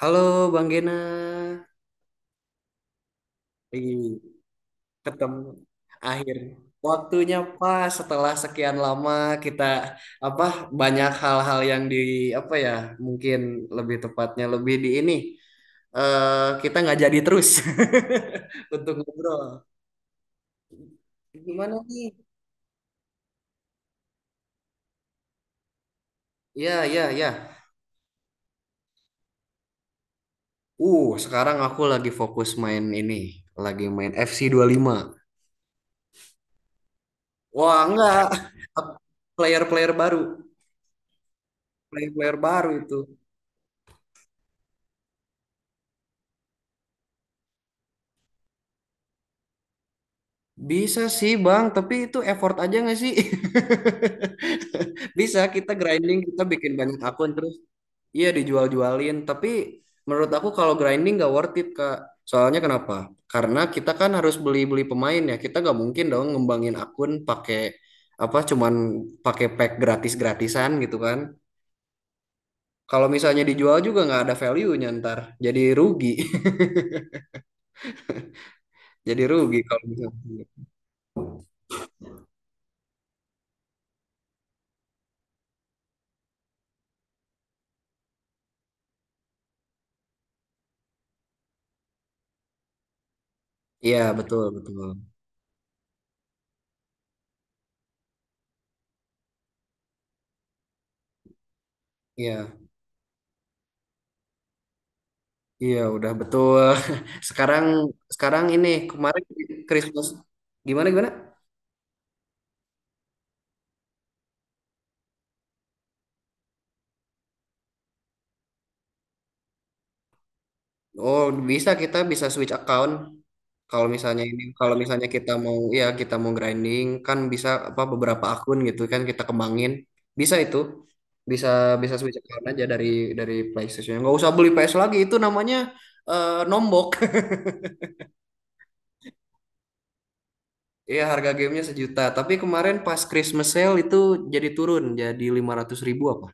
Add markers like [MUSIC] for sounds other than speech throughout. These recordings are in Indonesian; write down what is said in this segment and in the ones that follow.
Halo Bang Gena. Ih, ketemu akhir waktunya pas setelah sekian lama kita apa banyak hal-hal yang di apa ya mungkin lebih tepatnya lebih di ini kita nggak jadi terus [LAUGHS] untuk ngobrol. Gimana nih? Ya ya ya. Sekarang aku lagi fokus main ini, lagi main FC 5. Wah, enggak. [LAUGHS] player-player baru, player-player baru itu. Bisa sih Bang, tapi itu effort aja nggak sih? [LAUGHS] Bisa kita grinding, kita bikin banyak akun terus iya dijual-jualin. Tapi menurut aku kalau grinding nggak worth it Kak. Soalnya kenapa? Karena kita kan harus beli-beli pemain ya. Kita nggak mungkin dong ngembangin akun pakai apa cuman pakai pack gratis-gratisan gitu kan. Kalau misalnya dijual juga nggak ada value-nya ntar. Jadi rugi. [LAUGHS] Jadi rugi kalau misalnya. Iya, betul, betul. Iya. Iya, udah betul. [LAUGHS] Sekarang sekarang ini kemarin Christmas gimana gimana? Oh, bisa, kita bisa switch account. Kalau misalnya kita mau grinding kan bisa apa beberapa akun gitu kan kita kembangin. Bisa itu. Bisa bisa switch account aja dari PlayStation. Nggak usah beli PS lagi itu namanya nombok. [LAUGHS] Iya, harga gamenya sejuta. Tapi kemarin pas Christmas sale itu jadi turun jadi 500 ribu apa?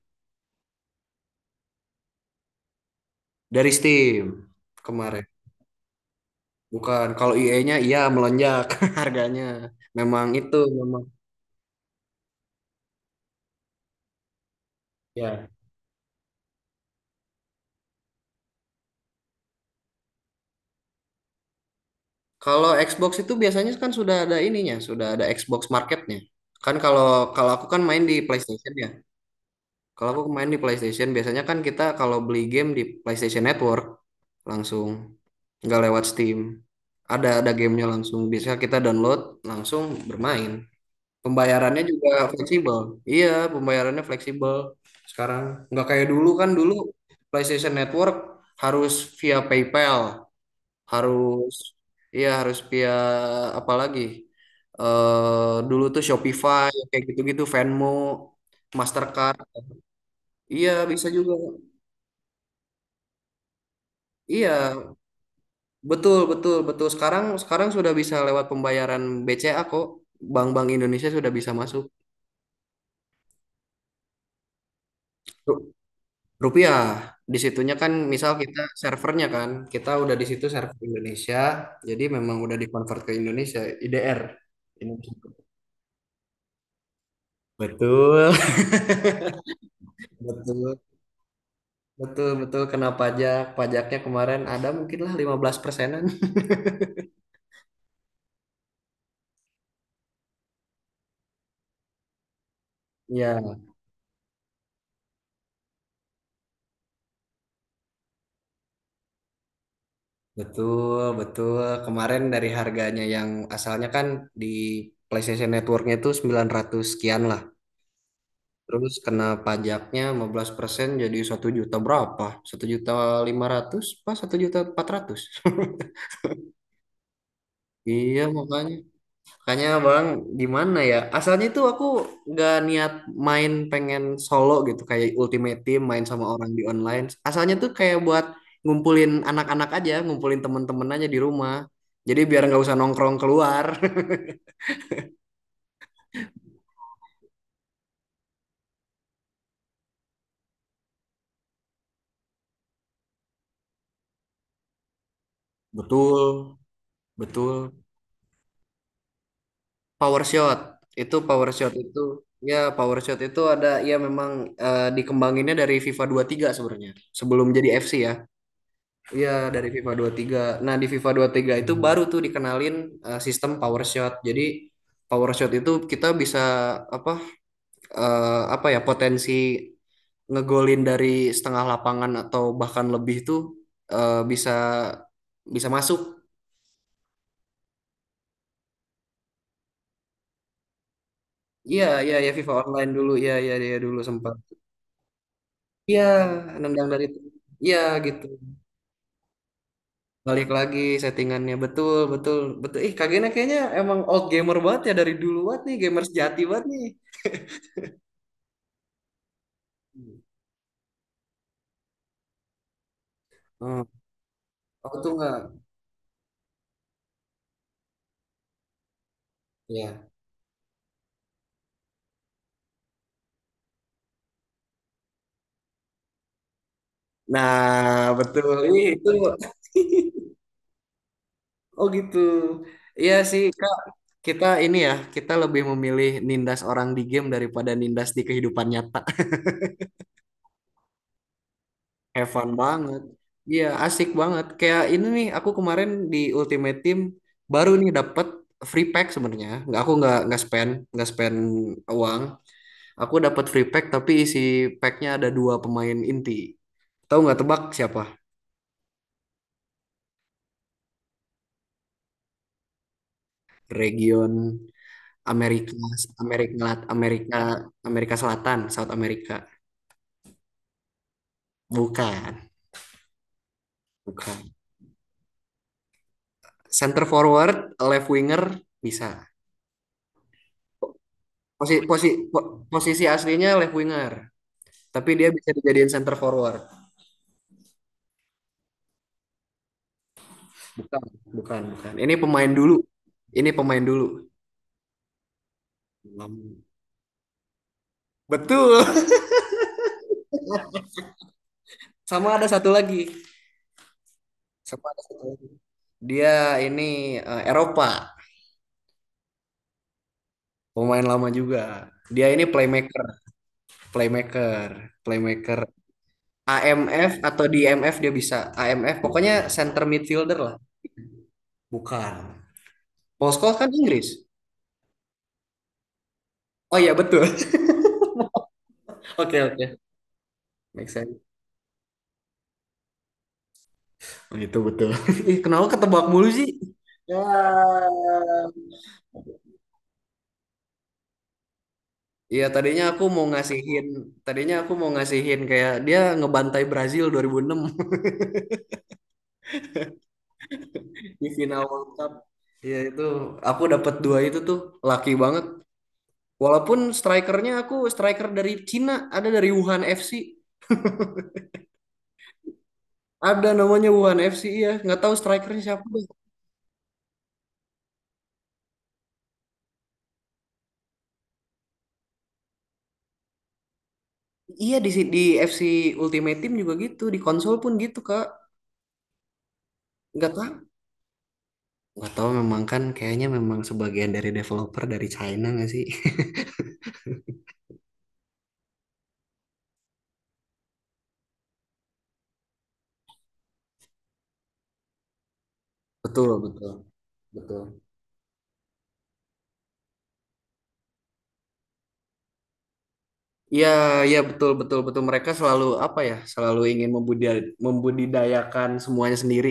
Dari Steam kemarin. Bukan, kalau IE-nya iya melonjak [LAUGHS] harganya. Memang itu memang ya. Kalau Xbox itu biasanya kan sudah ada ininya, sudah ada Xbox Marketnya. Kan kalau kalau aku kan main di PlayStation ya. Kalau aku main di PlayStation biasanya kan kita kalau beli game di PlayStation Network langsung nggak lewat Steam. Ada gamenya langsung. Biasanya kita download langsung bermain. Pembayarannya juga fleksibel. Iya, pembayarannya fleksibel sekarang. Nggak kayak dulu, kan dulu PlayStation Network harus via PayPal, harus iya harus via apa lagi? Dulu tuh Shopify kayak gitu-gitu, Venmo, Mastercard. Iya, bisa juga. Iya, betul betul betul. Sekarang sekarang sudah bisa lewat pembayaran BCA kok. Bank-bank Indonesia sudah bisa masuk. Rupiah. Di situnya kan misal kita servernya kan, kita udah di situ server Indonesia, jadi memang udah dikonvert ke Indonesia, IDR. Indonesia. Betul. [LAUGHS] Betul. Betul, betul. Kena pajak. Pajaknya kemarin ada mungkin lah 15%-an. [LAUGHS] Ya, betul, betul. Kemarin dari harganya yang asalnya kan di PlayStation Networknya itu 900 sekian lah. Terus kena pajaknya 15%, jadi 1 juta berapa? 1,5 juta, pas 1,4 juta. [LAUGHS] Iya makanya. Makanya Bang gimana ya? Asalnya itu aku nggak niat main pengen solo gitu kayak Ultimate Team main sama orang di online. Asalnya tuh kayak buat ngumpulin anak-anak aja, ngumpulin temen-temen aja di rumah. Jadi biar nggak usah nongkrong keluar. [LAUGHS] Betul, betul. Power shot itu power shot itu Power shot itu ada ya, memang dikembanginnya dari FIFA 23 sebenarnya, sebelum jadi FC ya. Iya, dari FIFA 23. Nah, di FIFA 23 itu baru tuh dikenalin sistem power shot. Jadi power shot itu kita bisa apa apa ya potensi ngegolin dari setengah lapangan atau bahkan lebih tuh bisa bisa masuk. Iya iya ya, FIFA online dulu ya ya ya dulu sempat. Iya, nendang dari iya gitu. Balik lagi settingannya betul betul betul. Ih, Kagena kayaknya emang old gamer banget ya, dari dulu banget nih, gamer sejati banget nih. Hmm. Aku tuh nggak. Ya. Nah, betul. Ih, itu. [LAUGHS] Oh, gitu. Iya sih, Kak. Kita ini ya, kita lebih memilih nindas orang di game daripada nindas di kehidupan nyata. Have fun banget. Iya, asik banget. Kayak ini nih, aku kemarin di Ultimate Team baru nih dapat free pack sebenarnya. Nggak, aku nggak spend uang. Aku dapat free pack tapi isi packnya ada dua pemain inti. Tahu nggak, tebak siapa? Region Amerika, Amerika, Amerika Selatan, South America. Bukan, bukan. Center forward, left winger bisa. Posi, posi, posisi aslinya left winger. Tapi dia bisa dijadiin center forward. Bukan, bukan, bukan. Ini pemain dulu. Ini pemain dulu. Hmm. Betul. Sama ada satu lagi. Sama ada satu lagi. Dia ini Eropa, pemain lama juga. Dia ini playmaker, playmaker, playmaker. AMF atau di IMF dia bisa. AMF pokoknya center midfielder lah. Bukan. Paul Scholes kan Inggris. Oh, iya betul. [LAUGHS] Oke, oke. Make sense. Oh, itu betul. [LAUGHS] Ih, kenapa ketebak mulu sih? Ya. Iya, tadinya aku mau ngasihin kayak dia ngebantai Brazil 2006 [LAUGHS] di final World Cup. Iya, itu aku dapat dua itu tuh laki banget. Walaupun aku striker dari Cina, ada dari Wuhan FC. Ada namanya Wuhan FC iya, nggak tahu strikernya siapa. Iya di di FC Ultimate Team juga gitu, di konsol pun gitu, Kak. Nggak tahu. Nggak tahu, memang kan kayaknya memang sebagian dari developer dari China nggak sih? [LAUGHS] Betul, betul, betul. Iya, iya betul betul betul, mereka selalu apa ya? Selalu ingin membudidayakan semuanya sendiri.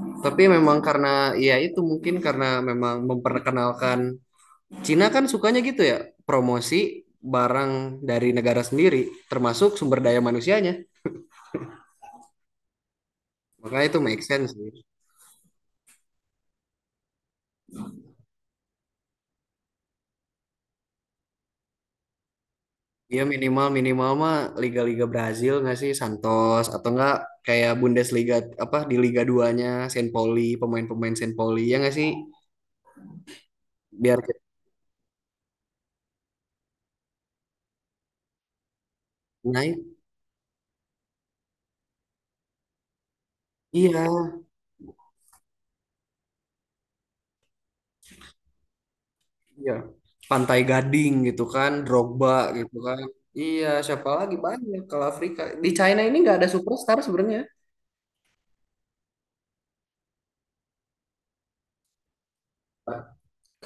Tapi memang karena ya itu mungkin karena memang memperkenalkan, Cina kan sukanya gitu ya, promosi barang dari negara sendiri termasuk sumber daya manusianya. Makanya itu make sense sih. Dia minimal minimal mah liga-liga Brazil nggak sih, Santos atau enggak kayak Bundesliga, apa di Liga 2-nya Saint Pauli, pemain-pemain Saint Pauli ya nggak sih? Biar naik. Iya, iya. Pantai Gading gitu kan, Drogba gitu kan. Iya, siapa lagi banyak kalau Afrika. Di China ini nggak ada superstar sebenarnya.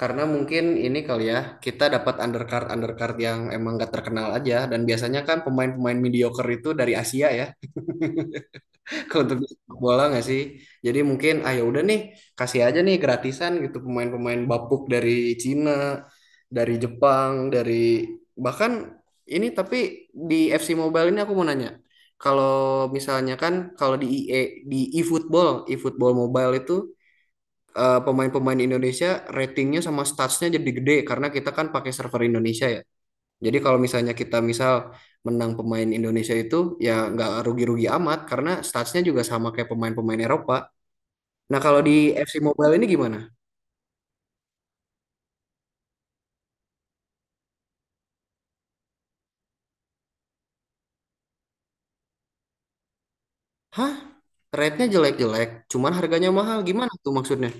Karena mungkin ini kali ya, kita dapat undercard undercard yang emang nggak terkenal aja. Dan biasanya kan pemain-pemain mediocre itu dari Asia ya. [LAUGHS] Untuk sepak bola nggak sih? Jadi mungkin ah ya udah nih, kasih aja nih gratisan gitu pemain-pemain bapuk dari Cina, dari Jepang, dari bahkan ini, tapi di FC Mobile ini aku mau nanya. Kalau misalnya kan kalau di IE di eFootball Mobile itu pemain-pemain Indonesia ratingnya sama statsnya jadi gede karena kita kan pakai server Indonesia ya. Jadi kalau misalnya kita misal menang pemain Indonesia itu ya nggak rugi-rugi amat karena statsnya juga sama kayak pemain-pemain Eropa. Nah kalau di FC Mobile ini gimana? Hah? Rate-nya jelek-jelek, cuman harganya mahal. Gimana tuh maksudnya?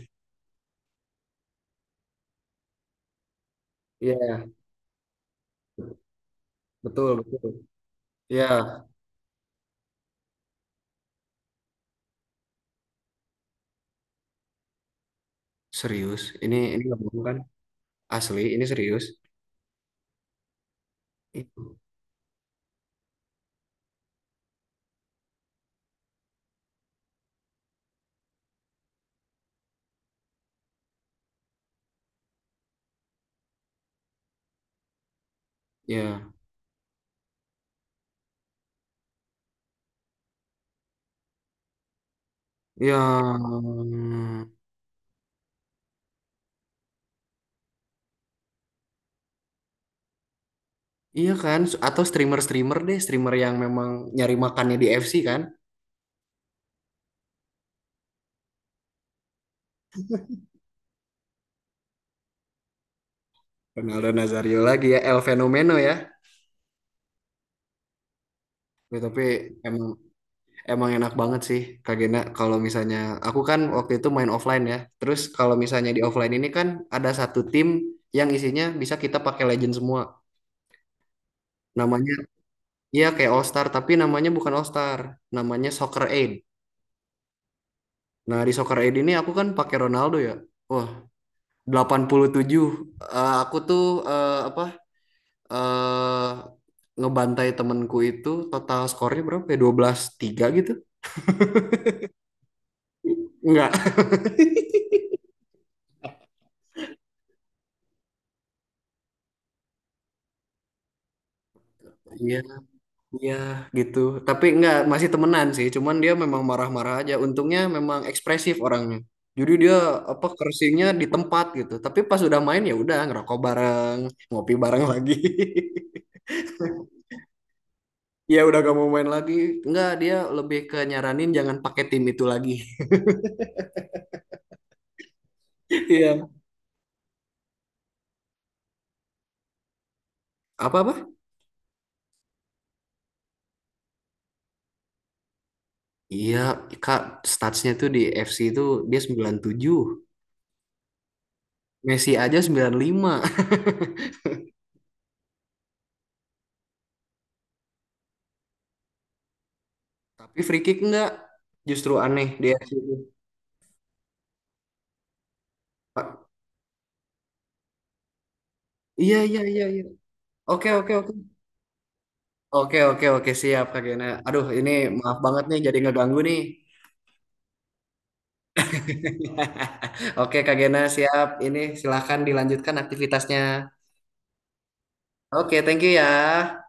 Iya, betul, betul. Ya, serius. Ini nggak bohong kan? Asli, ini serius. Ya, ya, iya kan? Atau streamer-streamer deh, streamer yang memang nyari makannya di FC kan? Ronaldo Nazario lagi ya, El Fenomeno ya. Ya, tapi emang emang enak banget sih Kak Gena, kalau misalnya aku kan waktu itu main offline ya. Terus kalau misalnya di offline ini kan ada satu tim yang isinya bisa kita pakai legend semua. Namanya iya kayak All Star, tapi namanya bukan All Star, namanya Soccer Aid. Nah, di Soccer Aid ini aku kan pakai Ronaldo ya. Wah, 87. Aku tuh apa eh ngebantai temenku itu total skornya berapa ya? 12-3 gitu. Enggak. Iya, iya gitu. Tapi enggak, masih temenan sih. Cuman dia memang marah-marah aja. Untungnya memang ekspresif orangnya. Jadi dia apa cursingnya di tempat gitu. Tapi pas udah main ya udah ngerokok bareng, ngopi bareng lagi. [LAUGHS] Ya udah gak mau main lagi. Enggak, dia lebih ke nyaranin jangan pakai tim itu lagi. [LAUGHS] Iya. Apa-apa? Iya, Kak, statsnya tuh di FC itu dia 97, Messi aja 95. [LAUGHS] Tapi free kick enggak. Justru aneh di FC itu. Pak, iya, iya, iya, iya. Oke, oke, oke, oke, oke, siap Kak Gena. Aduh, ini maaf banget nih jadi ngeganggu nih. [LAUGHS] Oke, Kak Gena, siap. Ini silahkan dilanjutkan aktivitasnya. Oke, thank you ya.